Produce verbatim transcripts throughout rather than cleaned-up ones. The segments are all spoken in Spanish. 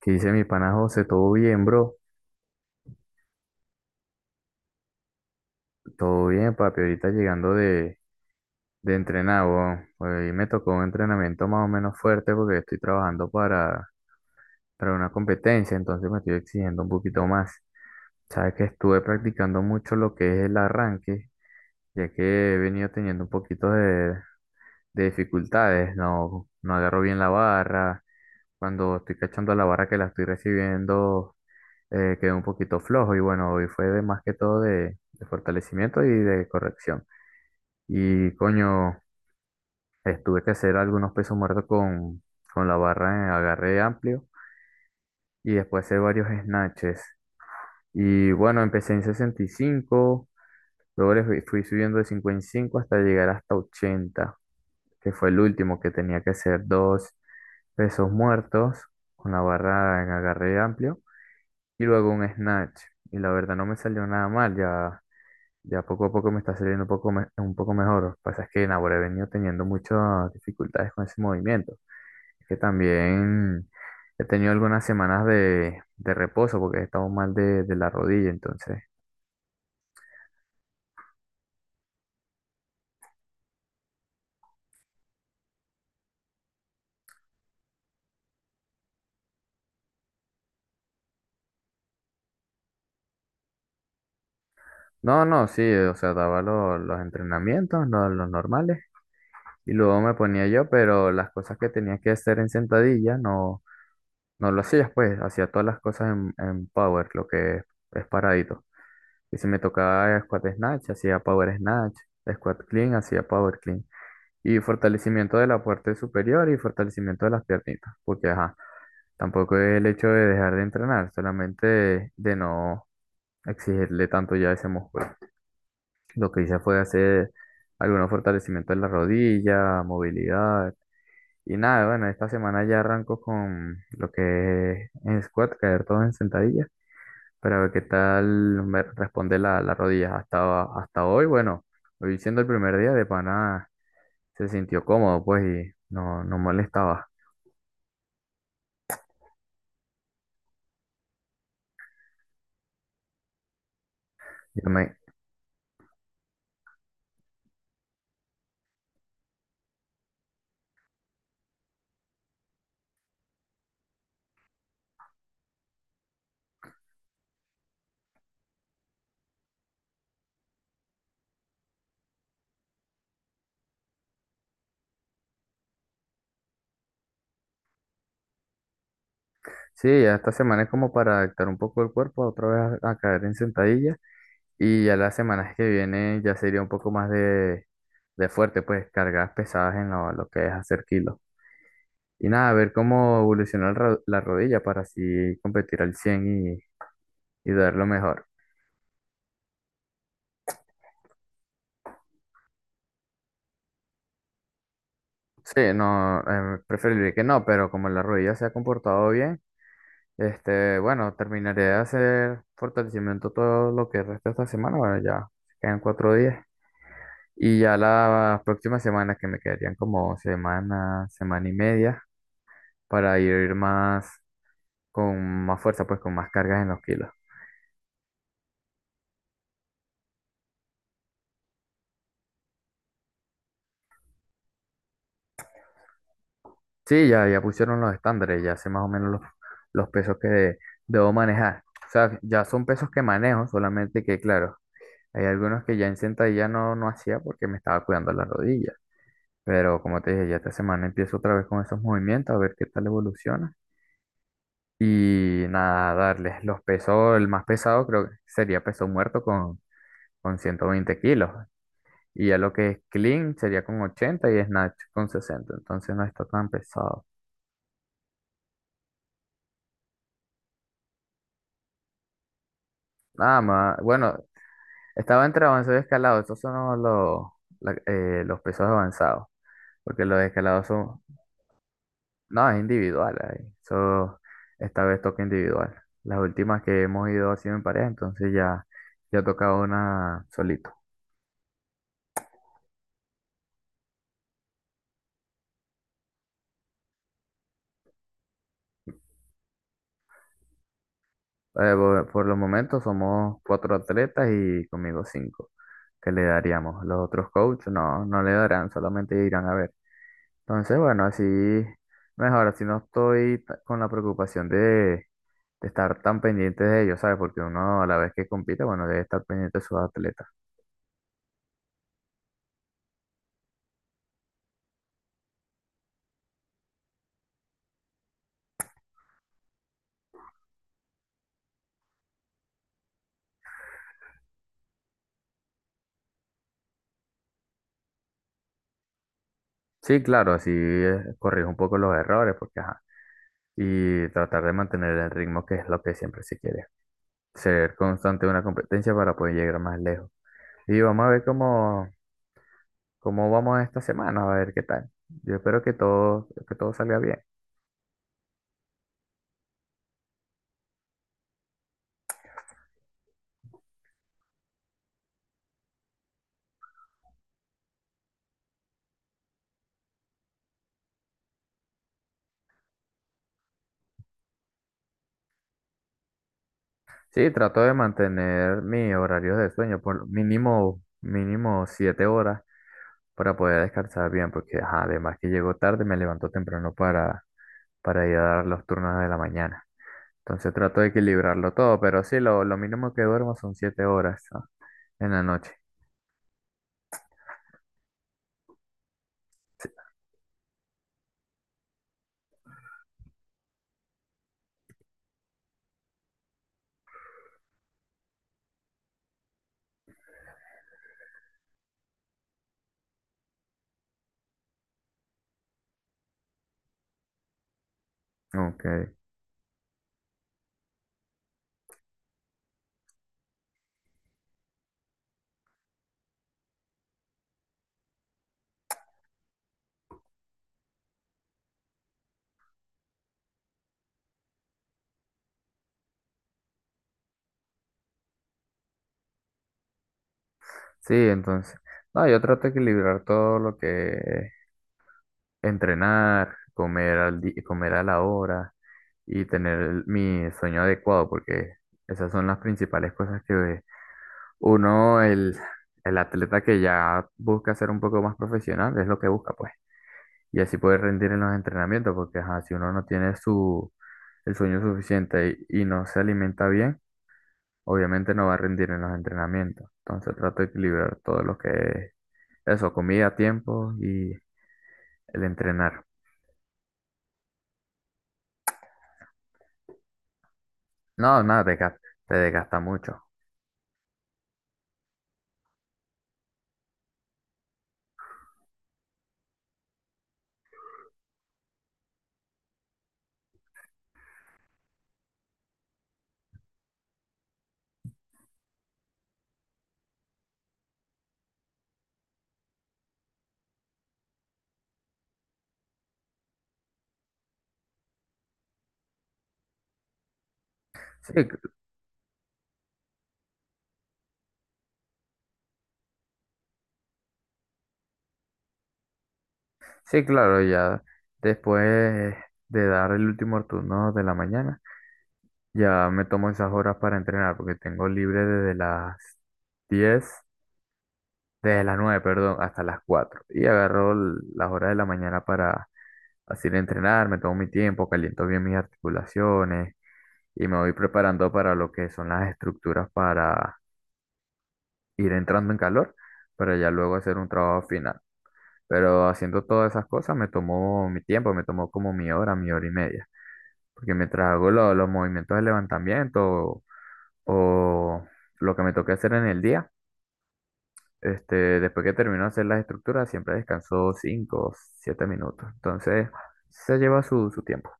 ¿Qué dice mi pana José? ¿Todo bien, bro? Todo bien, papi. Ahorita llegando de, de entrenar, weón. Hoy me tocó un entrenamiento más o menos fuerte porque estoy trabajando para, para una competencia, entonces me estoy exigiendo un poquito más. Sabes que estuve practicando mucho lo que es el arranque, ya que he venido teniendo un poquito de, de dificultades. No, no agarro bien la barra. Cuando estoy cachando la barra que la estoy recibiendo. Eh, quedé un poquito flojo y bueno, hoy fue de más que todo de, de fortalecimiento y de corrección. Y coño, eh, tuve que hacer algunos pesos muertos con, con la barra en agarre amplio y después hacer varios snatches. Y bueno, empecé en sesenta y cinco, luego le fui, fui subiendo de cincuenta y cinco hasta llegar hasta ochenta, que fue el último que tenía que hacer dos pesos muertos con la barra en agarre amplio y luego un snatch. Y la verdad no me salió nada mal. Ya Ya poco a poco me está saliendo un poco, me- un poco mejor. Lo que pasa es que en he venido teniendo muchas dificultades con ese movimiento. Es que también he tenido algunas semanas de, de reposo porque he estado mal de, de la rodilla. Entonces, no, no, sí, o sea, daba lo- los entrenamientos, lo- los, normales, y luego me ponía yo, pero las cosas que tenía que hacer en sentadilla no, no lo hacía, pues, hacía todas las cosas en, en power, lo que es es paradito. Y si me tocaba squat snatch, hacía power snatch, squat clean, hacía power clean. Y fortalecimiento de la parte superior y fortalecimiento de las piernitas, porque ajá, tampoco es el hecho de dejar de entrenar, solamente de, de no exigirle tanto ya a ese músculo. Lo que hice fue hacer algunos fortalecimientos en la rodilla, movilidad. Y nada, bueno, esta semana ya arranco con lo que es en squat, caer todo en sentadilla. Para ver qué tal me responde la, la rodilla. Hasta, hasta hoy, bueno, hoy siendo el primer día de pana, se sintió cómodo, pues, y no, no molestaba. Ya me- sí, ya esta semana es como para adaptar un poco el cuerpo, otra vez a, a caer en sentadilla. Y ya las semanas que vienen ya sería un poco más de, de fuerte, pues, cargas pesadas en lo, lo que es hacer kilos. Y nada, a ver cómo evoluciona el ro- la rodilla para así competir al cien y, y dar lo mejor. Sí, no, eh, preferiría que no, pero como la rodilla se ha comportado bien, este, bueno, terminaré de hacer fortalecimiento todo lo que resta esta semana, bueno, ya quedan cuatro días. Y ya las próximas semanas, que me quedarían como semana, semana y media, para ir más, con más fuerza, pues con más cargas en los kilos. Sí, ya, ya pusieron los estándares, ya sé más o menos los, los pesos que debo manejar. O sea, ya son pesos que manejo, solamente que, claro. Hay algunos que ya en sentadilla no, no hacía porque me estaba cuidando las rodillas. Pero como te dije, ya esta semana empiezo otra vez con esos movimientos, a ver qué tal evoluciona. Y nada, darles los pesos, el más pesado creo que sería peso muerto con, con ciento veinte kilos. Y ya lo que es clean sería con ochenta y snatch con sesenta. Entonces no está tan pesado. Nada más, bueno, estaba entre avanzado y escalado. Estos son los, la- eh, los pesos avanzados. Porque los escalados son, no, es individual ahí. Eso, esta vez toca individual. Las últimas que hemos ido ha sido en pareja, entonces ya, ya toca una solito. Eh, por, por los momentos somos cuatro atletas y conmigo cinco que le daríamos. Los otros coaches no, no le darán, solamente irán a ver. Entonces, bueno, así mejor, así no estoy ta- con la preocupación de, de estar tan pendiente de ellos, ¿sabes? Porque uno a la vez que compite, bueno, debe estar pendiente de sus atletas. Sí, claro, así eh, corrijo un poco los errores, porque ajá, y tratar de mantener el ritmo, que es lo que siempre se quiere. Ser constante en una competencia para poder llegar más lejos. Y vamos a ver cómo, cómo vamos esta semana, a ver qué tal. Yo espero que todo, que todo salga bien. Sí, trato de mantener mis horarios de sueño por mínimo, mínimo siete horas para poder descansar bien, porque ajá, además que llego tarde, me levanto temprano para, para ir a dar los turnos de la mañana. Entonces trato de equilibrarlo todo, pero sí, lo, lo mínimo que duermo son siete horas, ah, en la noche. Sí, ok. Sí, entonces. No, yo trato de equilibrar todo lo que es entrenar, comer al di- comer a la hora y tener el- mi sueño adecuado, porque esas son las principales cosas que uno, el, el atleta que ya busca ser un poco más profesional, es lo que busca, pues. Y así poder rendir en los entrenamientos, porque ajá, si uno no tiene su, el sueño suficiente y, y no se alimenta bien, obviamente no va a rendir en los entrenamientos. Entonces trato de equilibrar todo lo que es eso, comida, tiempo y el entrenar. No, nada, te desgasta, te desgasta mucho. Sí, cl- sí, claro, ya después de dar el último turno de la mañana, ya me tomo esas horas para entrenar, porque tengo libre desde las diez. Desde las nueve, perdón, hasta las cuatro. Y agarro l- las horas de la mañana para así ir a entrenar, me tomo mi tiempo, caliento bien mis articulaciones y me voy preparando para lo que son las estructuras para ir entrando en calor, para ya luego hacer un trabajo final. Pero haciendo todas esas cosas me tomó mi tiempo, me tomó como mi hora, mi hora y media. Porque mientras hago lo- los movimientos de levantamiento o lo que me toque hacer en el día, este, después que terminó de hacer las estructuras, siempre descansó cinco o siete minutos. Entonces, se lleva su, su tiempo.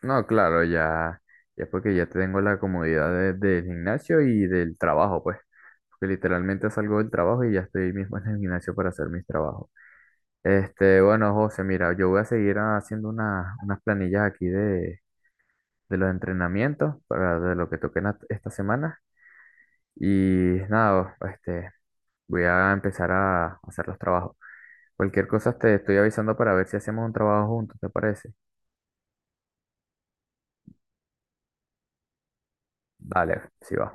No, claro, ya, ya porque ya tengo la comodidad de- del gimnasio y del trabajo, pues. Porque literalmente salgo del trabajo y ya estoy mismo en el gimnasio para hacer mis trabajos. Este, bueno, José, mira, yo voy a seguir haciendo una- unas planillas aquí de, de los entrenamientos para de lo que toquen esta semana. Y nada, este, voy a empezar a hacer los trabajos. Cualquier cosa te estoy avisando para ver si hacemos un trabajo juntos, ¿te parece? Dale, si va.